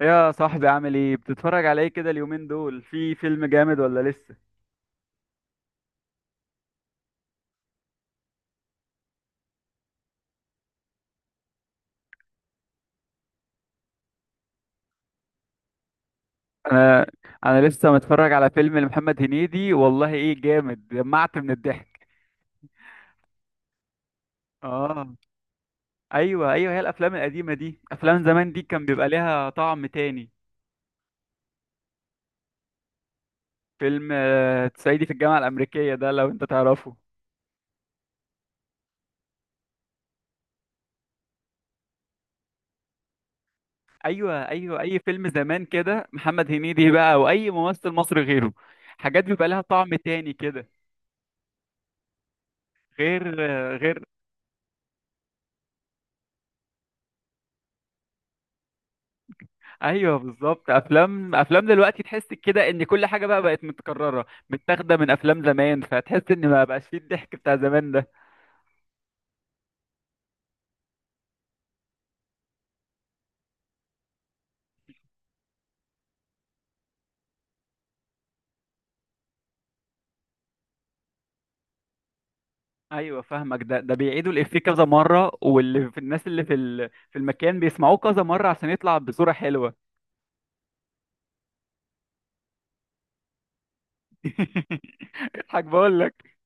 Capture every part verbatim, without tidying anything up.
يا صاحبي، عامل ايه؟ بتتفرج على ايه كده اليومين دول؟ في فيلم جامد ولا لسه؟ انا انا لسه متفرج على فيلم لمحمد هنيدي. والله ايه جامد، دمعت من الضحك. اه، ايوه ايوه، هي الافلام القديمه دي، افلام زمان دي كان بيبقى ليها طعم تاني. فيلم آه، صعيدي في الجامعه الامريكيه، ده لو انت تعرفه. ايوه ايوه، اي فيلم زمان كده محمد هنيدي بقى، او اي ممثل مصري غيره، حاجات بيبقى لها طعم تاني كده. غير آه، غير. ايوه بالظبط، افلام افلام دلوقتي تحس كده ان كل حاجه بقى بقت متكرره، متاخده من افلام زمان، فتحس ان ما بقاش فيه الضحك بتاع زمان ده. ايوه فاهمك. ده ده بيعيدوا الافيه كذا مره، واللي في الناس اللي في ال... في المكان بيسمعوه كذا مره عشان يطلع بصوره حلوه. اضحك بقول لك.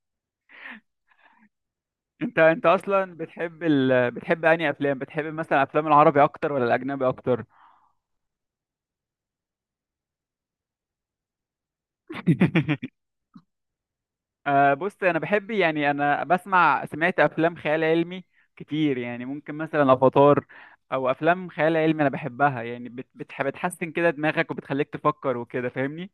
انت انت اصلا بتحب، ال... بتحب انهي افلام، بتحب مثلا افلام العربي اكتر ولا الاجنبي اكتر؟ أه بص، انا بحب، يعني انا بسمع سمعت افلام خيال علمي كتير، يعني ممكن مثلا افاتار، او افلام خيال علمي انا بحبها، يعني بت- بتح- بتحسن كده دماغك وبتخليك تفكر وكده، فاهمني.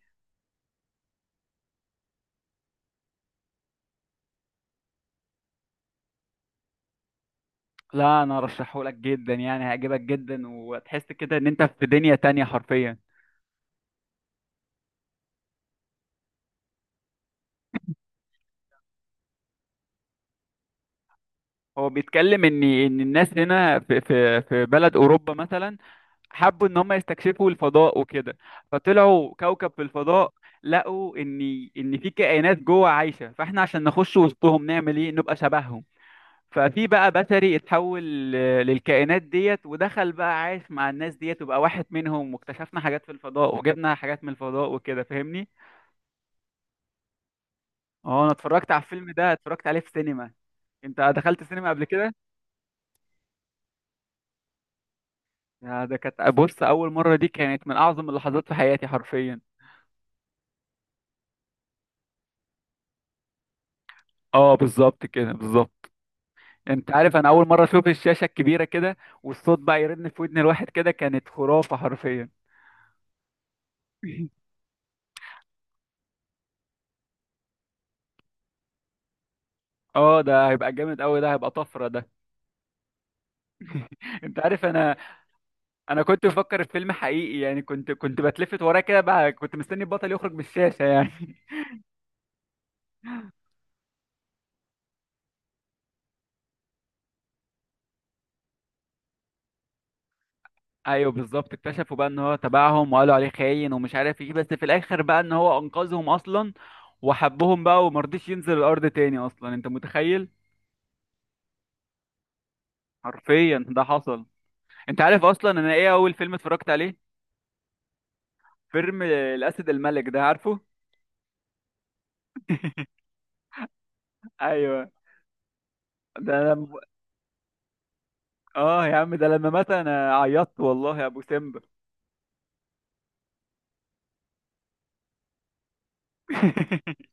لا، انا ارشحهولك جدا، يعني هيعجبك جدا، وتحس كده ان انت في دنيا تانية حرفيا. هو بيتكلم ان ان الناس هنا في في في بلد اوروبا مثلا، حبوا ان هم يستكشفوا الفضاء وكده، فطلعوا كوكب في الفضاء. لقوا ان ان في كائنات جوه عايشه، فاحنا عشان نخش وسطهم نعمل ايه؟ نبقى شبههم. ففي بقى بشري اتحول ل- للكائنات ديت، ودخل بقى عايش مع الناس ديت وبقى واحد منهم، واكتشفنا حاجات في الفضاء، وجبنا حاجات من الفضاء وكده، فاهمني. اه، انا اتفرجت على الفيلم ده، اتفرجت عليه في سينما. انت دخلت سينما قبل كده؟ يا ده، كانت، بص، اول مره دي كانت من اعظم اللحظات في حياتي حرفيا. اه بالظبط كده، بالظبط. انت عارف، انا اول مره اشوف الشاشه الكبيره كده، والصوت بقى يرن في ودن الواحد كده، كانت خرافه حرفيا. اه، ده هيبقى جامد قوي، ده هيبقى طفره ده. انت عارف، انا انا كنت بفكر في فيلم حقيقي، يعني كنت كنت بتلفت وراه كده بقى، كنت مستني البطل يخرج من الشاشه يعني. ايوه بالظبط، اكتشفوا بقى ان هو تبعهم، وقالوا عليه خاين ومش عارف ايه، بس في الاخر بقى ان هو انقذهم اصلا، وحبهم بقى، ومرضيش ينزل الارض تاني اصلا، انت متخيل؟ حرفيا ده حصل. انت عارف اصلا انا ايه اول فيلم اتفرجت عليه؟ فيلم الاسد الملك ده، عارفه؟ ايوه، ده لما، اه يا عم، ده لما مات انا عيطت والله يا ابو سيمبا.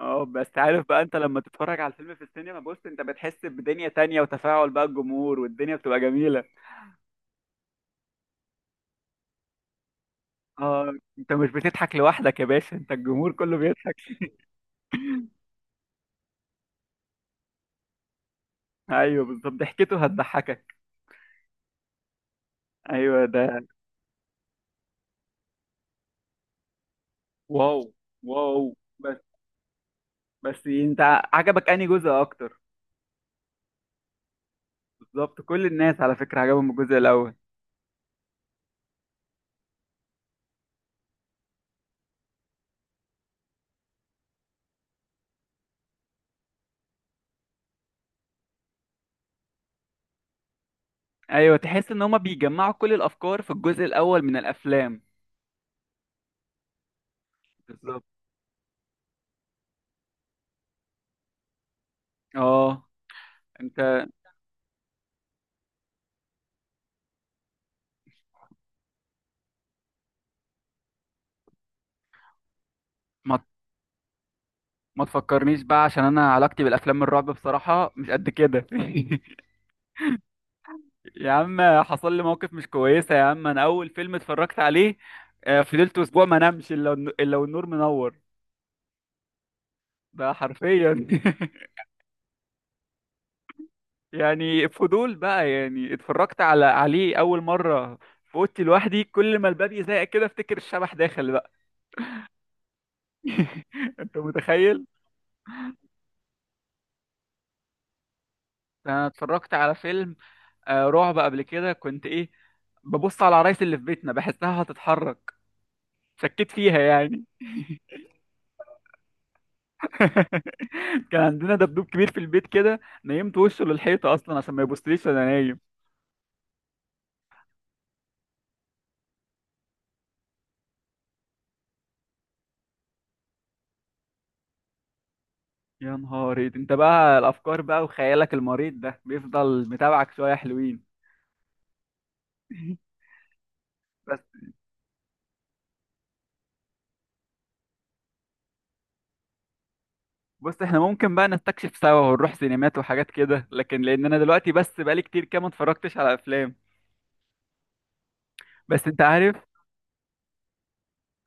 اه بس عارف بقى، انت لما تتفرج على الفيلم في السينما، بص، انت بتحس بدنيا تانية، وتفاعل بقى الجمهور، والدنيا بتبقى جميلة. اه، انت مش بتضحك لوحدك يا باشا، انت الجمهور كله بيضحك. ايوه بالظبط، ضحكته هتضحكك. ايوه ده. واو. واو بس. بس انت، عجبك انهي جزء اكتر؟ بالظبط، كل الناس على فكرة عجبهم الجزء الاول. ايوه، تحس ان هما بيجمعوا كل الافكار في الجزء الاول من الافلام. بالظبط. اه انت، ما ما تفكرنيش بقى، عشان انا علاقتي بالافلام الرعب بصراحه مش قد كده. يا عم، حصل لي موقف مش كويسه يا عم، انا اول فيلم اتفرجت عليه، آه، فضلت اسبوع ما نمش الا والن- الا والنور منور. ده حرفيا. يعني فضول بقى، يعني اتفرجت على عليه اول مره في اوضتي لوحدي، كل ما الباب يزهق كده افتكر الشبح داخل بقى. انت متخيل؟ انا اتفرجت على فيلم آه، رعب قبل كده، كنت ايه، ببص على العرايس اللي في بيتنا بحسها هتتحرك، شكيت فيها يعني. كان عندنا دبدوب كبير في البيت كده، نيمت وشه للحيطة اصلا عشان ما يبصليش وانا نايم. يا نهاري انت بقى، الافكار بقى وخيالك المريض ده بيفضل متابعك شوية حلوين. بس بص، احنا ممكن بقى نستكشف سوا ونروح سينمات وحاجات كده، لكن لان انا دلوقتي بس بقالي كتير كده ما اتفرجتش على افلام. بس انت عارف،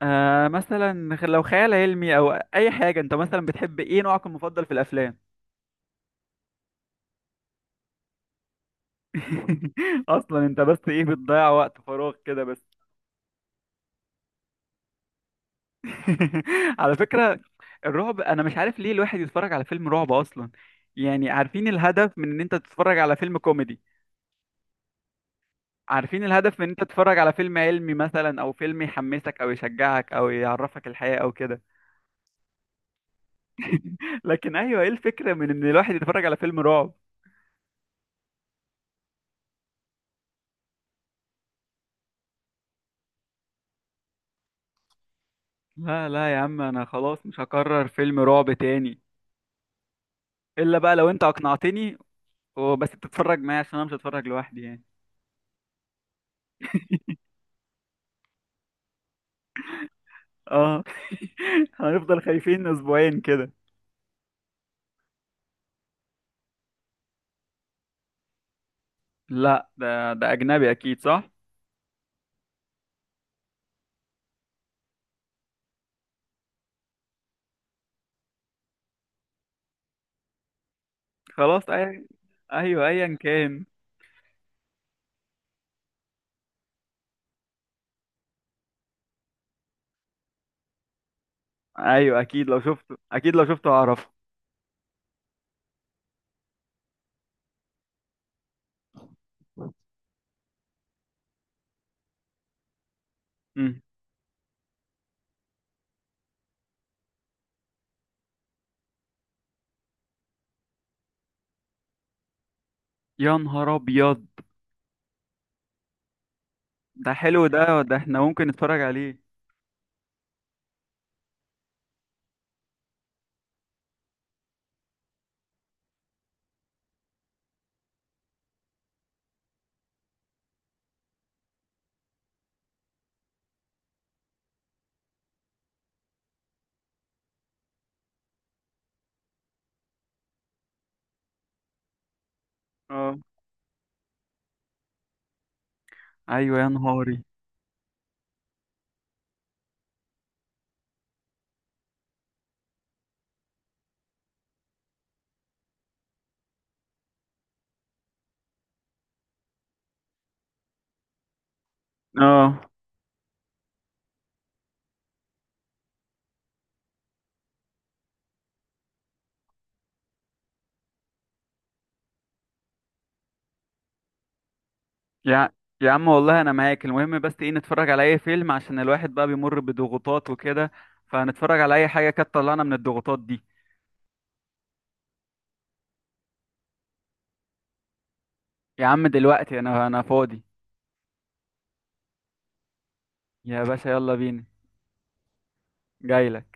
آه مثلا، خ- لو خيال علمي او اي حاجه، انت مثلا بتحب ايه، نوعك المفضل في الافلام؟ اصلا انت بس ايه، بتضيع وقت فراغ كده بس. على فكره، الرعب انا مش عارف ليه الواحد يتفرج على فيلم رعب اصلا. يعني عارفين الهدف من ان انت تتفرج على فيلم كوميدي، عارفين الهدف من ان انت تتفرج على فيلم علمي مثلا، او فيلم يحمسك او يشجعك او يعرفك الحياه او كده، لكن ايوه، ايه الفكره من ان الواحد يتفرج على فيلم رعب؟ لا لا يا عم، انا خلاص مش هكرر فيلم رعب تاني، الا بقى لو انت اقنعتني، وبس تتفرج معايا عشان انا مش هتفرج لوحدي يعني. اه. هنفضل خايفين اسبوعين كده. لا ده ده اجنبي اكيد، صح؟ خلاص، أي... ايوه ايا كان. ايوه اكيد لو شفته، اكيد لو شفته هعرفه. مم. يا نهار ابيض. ده حلو، ده ده احنا ممكن نتفرج عليه. اه. ايوه يا نهاري. اه، يا يا عم والله انا معاك، المهم بس ايه، نتفرج على اي فيلم عشان الواحد بقى بيمر بضغوطات وكده، فنتفرج على اي حاجه كانت طلعنا من الضغوطات دي. يا عم دلوقتي انا انا فاضي. يا باشا، يلا بينا. جايلك.